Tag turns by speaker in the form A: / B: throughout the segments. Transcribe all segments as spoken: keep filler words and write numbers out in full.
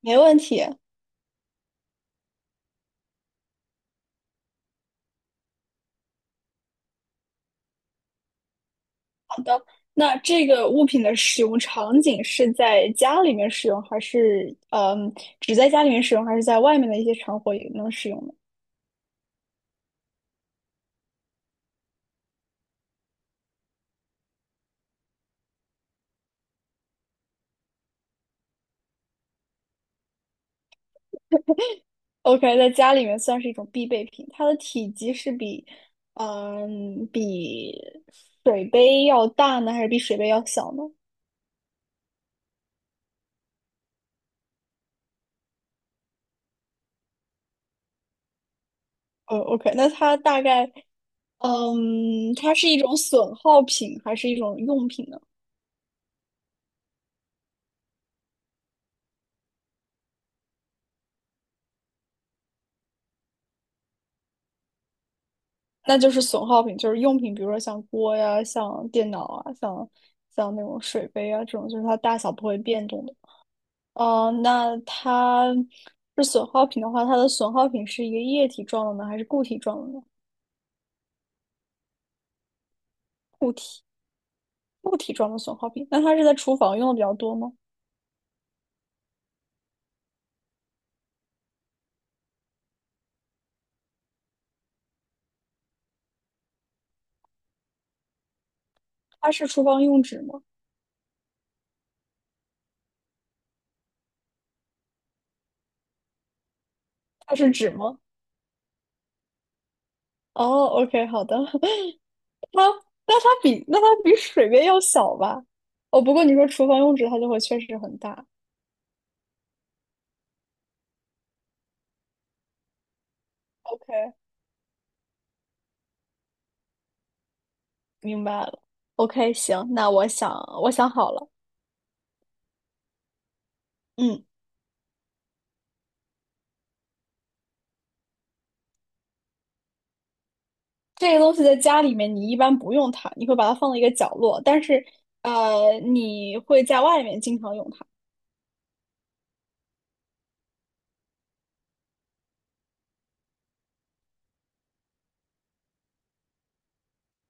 A: 没问题。好的，那这个物品的使用场景是在家里面使用，还是嗯，只在家里面使用，还是在外面的一些场合也能使用呢？OK,在家里面算是一种必备品，它的体积是比嗯比水杯要大呢，还是比水杯要小呢？呃，OK,那它大概嗯，它是一种损耗品，还是一种用品呢？那就是损耗品，就是用品，比如说像锅呀、像电脑啊、像像那种水杯啊这种，就是它大小不会变动的。哦，那它是损耗品的话，它的损耗品是一个液体状的呢，还是固体状的呢？固体。固体状的损耗品，那它是在厨房用的比较多吗？它是厨房用纸吗？它是纸吗？哦，OK,好的。它那它比那它比水杯要小吧？哦，不过你说厨房用纸，它就会确实很大。OK。明白了。OK,行，那我想我想好了，嗯，这个东西在家里面你一般不用它，你会把它放到一个角落，但是呃，你会在外面经常用它。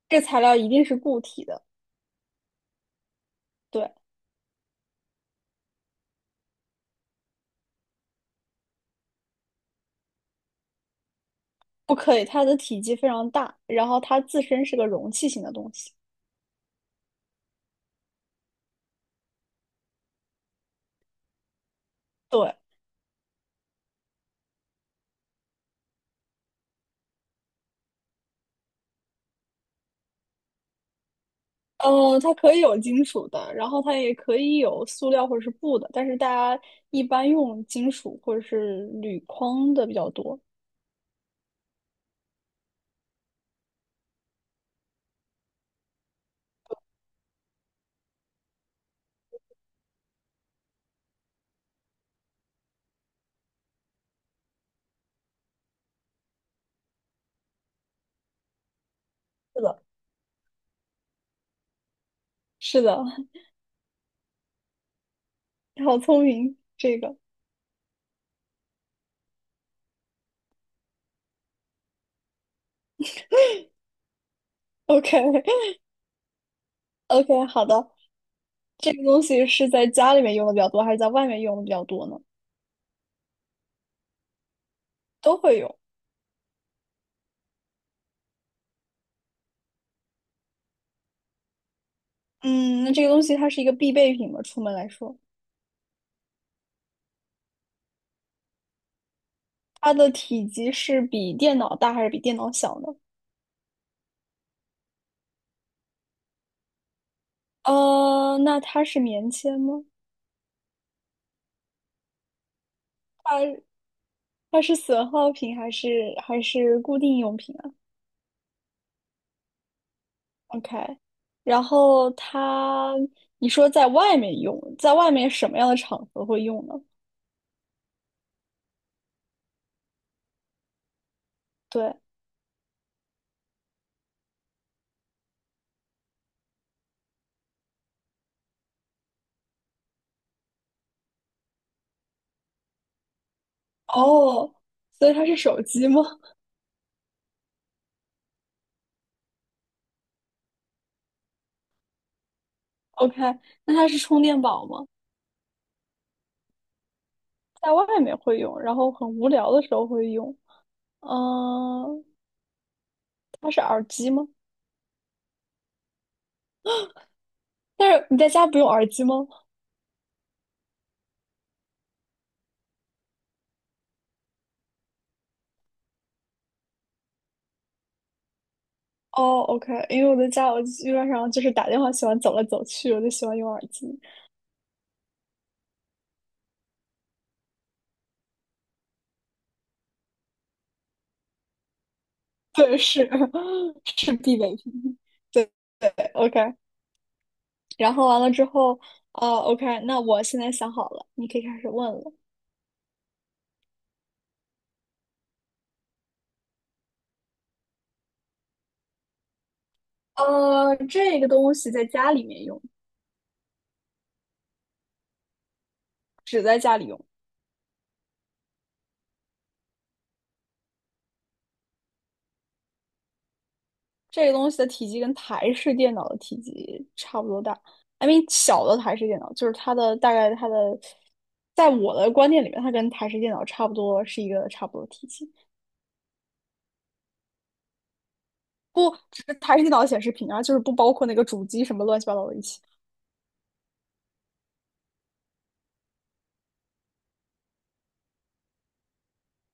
A: 这材料一定是固体的，对，不可以，它的体积非常大，然后它自身是个容器型的东西，对，嗯、它可以有金属的，然后它也可以有塑料或者是布的，但是大家一般用金属或者是铝框的比较多。是的，是的，好聪明，这个。OK OK,好的。这个东西是在家里面用的比较多，还是在外面用的比较多呢？都会用。嗯，那这个东西它是一个必备品吗？出门来说，它的体积是比电脑大还是比电脑小呢？呃，那它是棉签吗？它它是损耗品还是还是固定用品啊？OK,然后它，你说在外面用，在外面什么样的场合会用呢？对，哦，所以它是手机吗？OK,那它是充电宝吗？在外面会用，然后很无聊的时候会用。嗯、它是耳机吗？但是你在家不用耳机吗？哦，OK,因为我在家，我基本上就是打电话喜欢走来走去，我就喜欢用耳机。对，是 是必备品。对对，OK。然后完了之后，哦，OK,那我现在想好了，你可以开始问了。呃，这个东西在家里面用，只在家里用。这个东西的体积跟台式电脑的体积差不多大，I mean 小的台式电脑，就是它的大概它的，在我的观念里面，它跟台式电脑差不多是一个差不多的体积，不只是台式电脑显示屏啊，就是不包括那个主机什么乱七八糟的一起。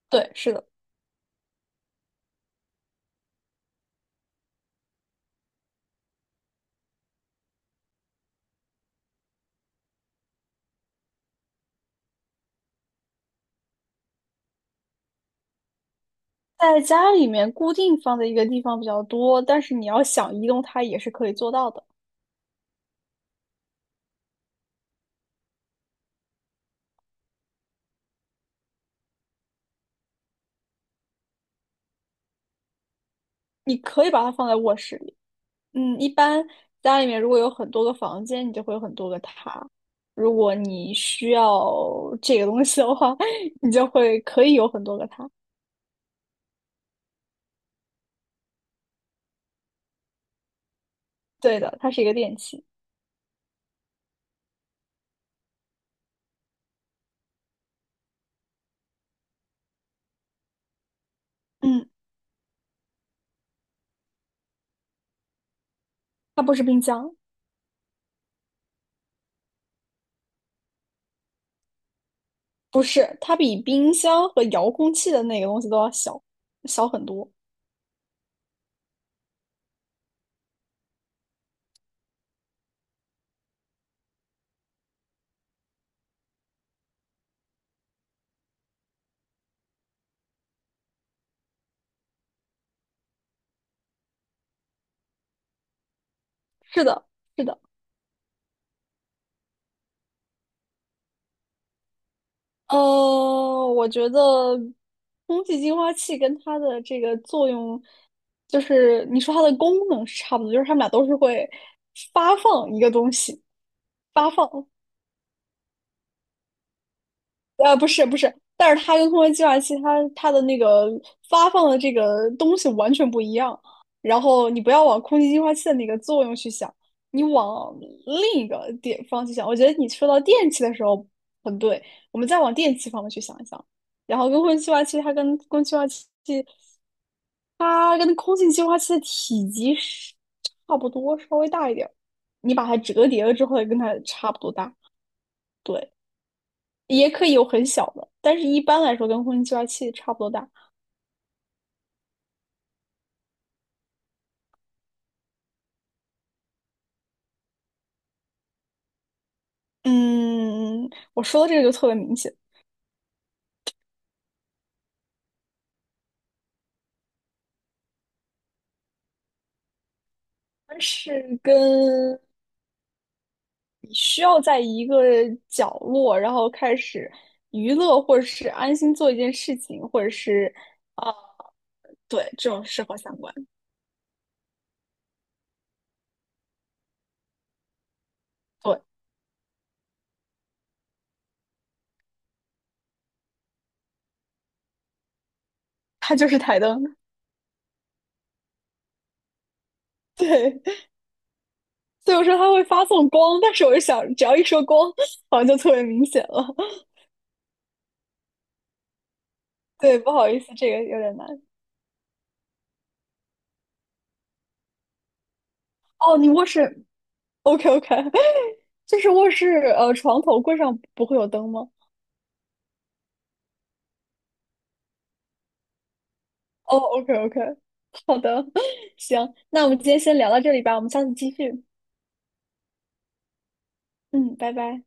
A: 对，是的，在家里面固定放在一个地方比较多，但是你要想移动它也是可以做到的，你可以把它放在卧室里。嗯，一般家里面如果有很多个房间，你就会有很多个它。如果你需要这个东西的话，你就会可以有很多个它。对的，它是一个电器。嗯，它不是冰箱，不是，它比冰箱和遥控器的那个东西都要小，小很多。是的，是的。呃，我觉得空气净化器跟它的这个作用，就是你说它的功能是差不多，就是它们俩都是会发放一个东西，发放。呃，不是不是，但是它跟空气净化器它它的那个发放的这个东西完全不一样。然后你不要往空气净化器的那个作用去想，你往另一个点方去想。我觉得你说到电器的时候很对，我们再往电器方面去想一想。然后跟空气净化器，它跟空气净化器，它跟空气净化器的体积是差不多，稍微大一点儿。你把它折叠了之后，跟它差不多大。对，也可以有很小的，但是一般来说跟空气净化器差不多大。嗯，我说的这个就特别明显，它是跟你需要在一个角落，然后开始娱乐或者是安心做一件事情，或者是啊、对，这种适合相关。对，它就是台灯。对，所以我说它会发送光，但是我就想，只要一说光，好像就特别明显了。对，不好意思，这个有点难。哦，你卧室，OK OK,就是卧室呃床头柜上不会有灯吗？哦，OK OK,好的，行，那我们今天先聊到这里吧，我们下次继续。嗯，拜拜。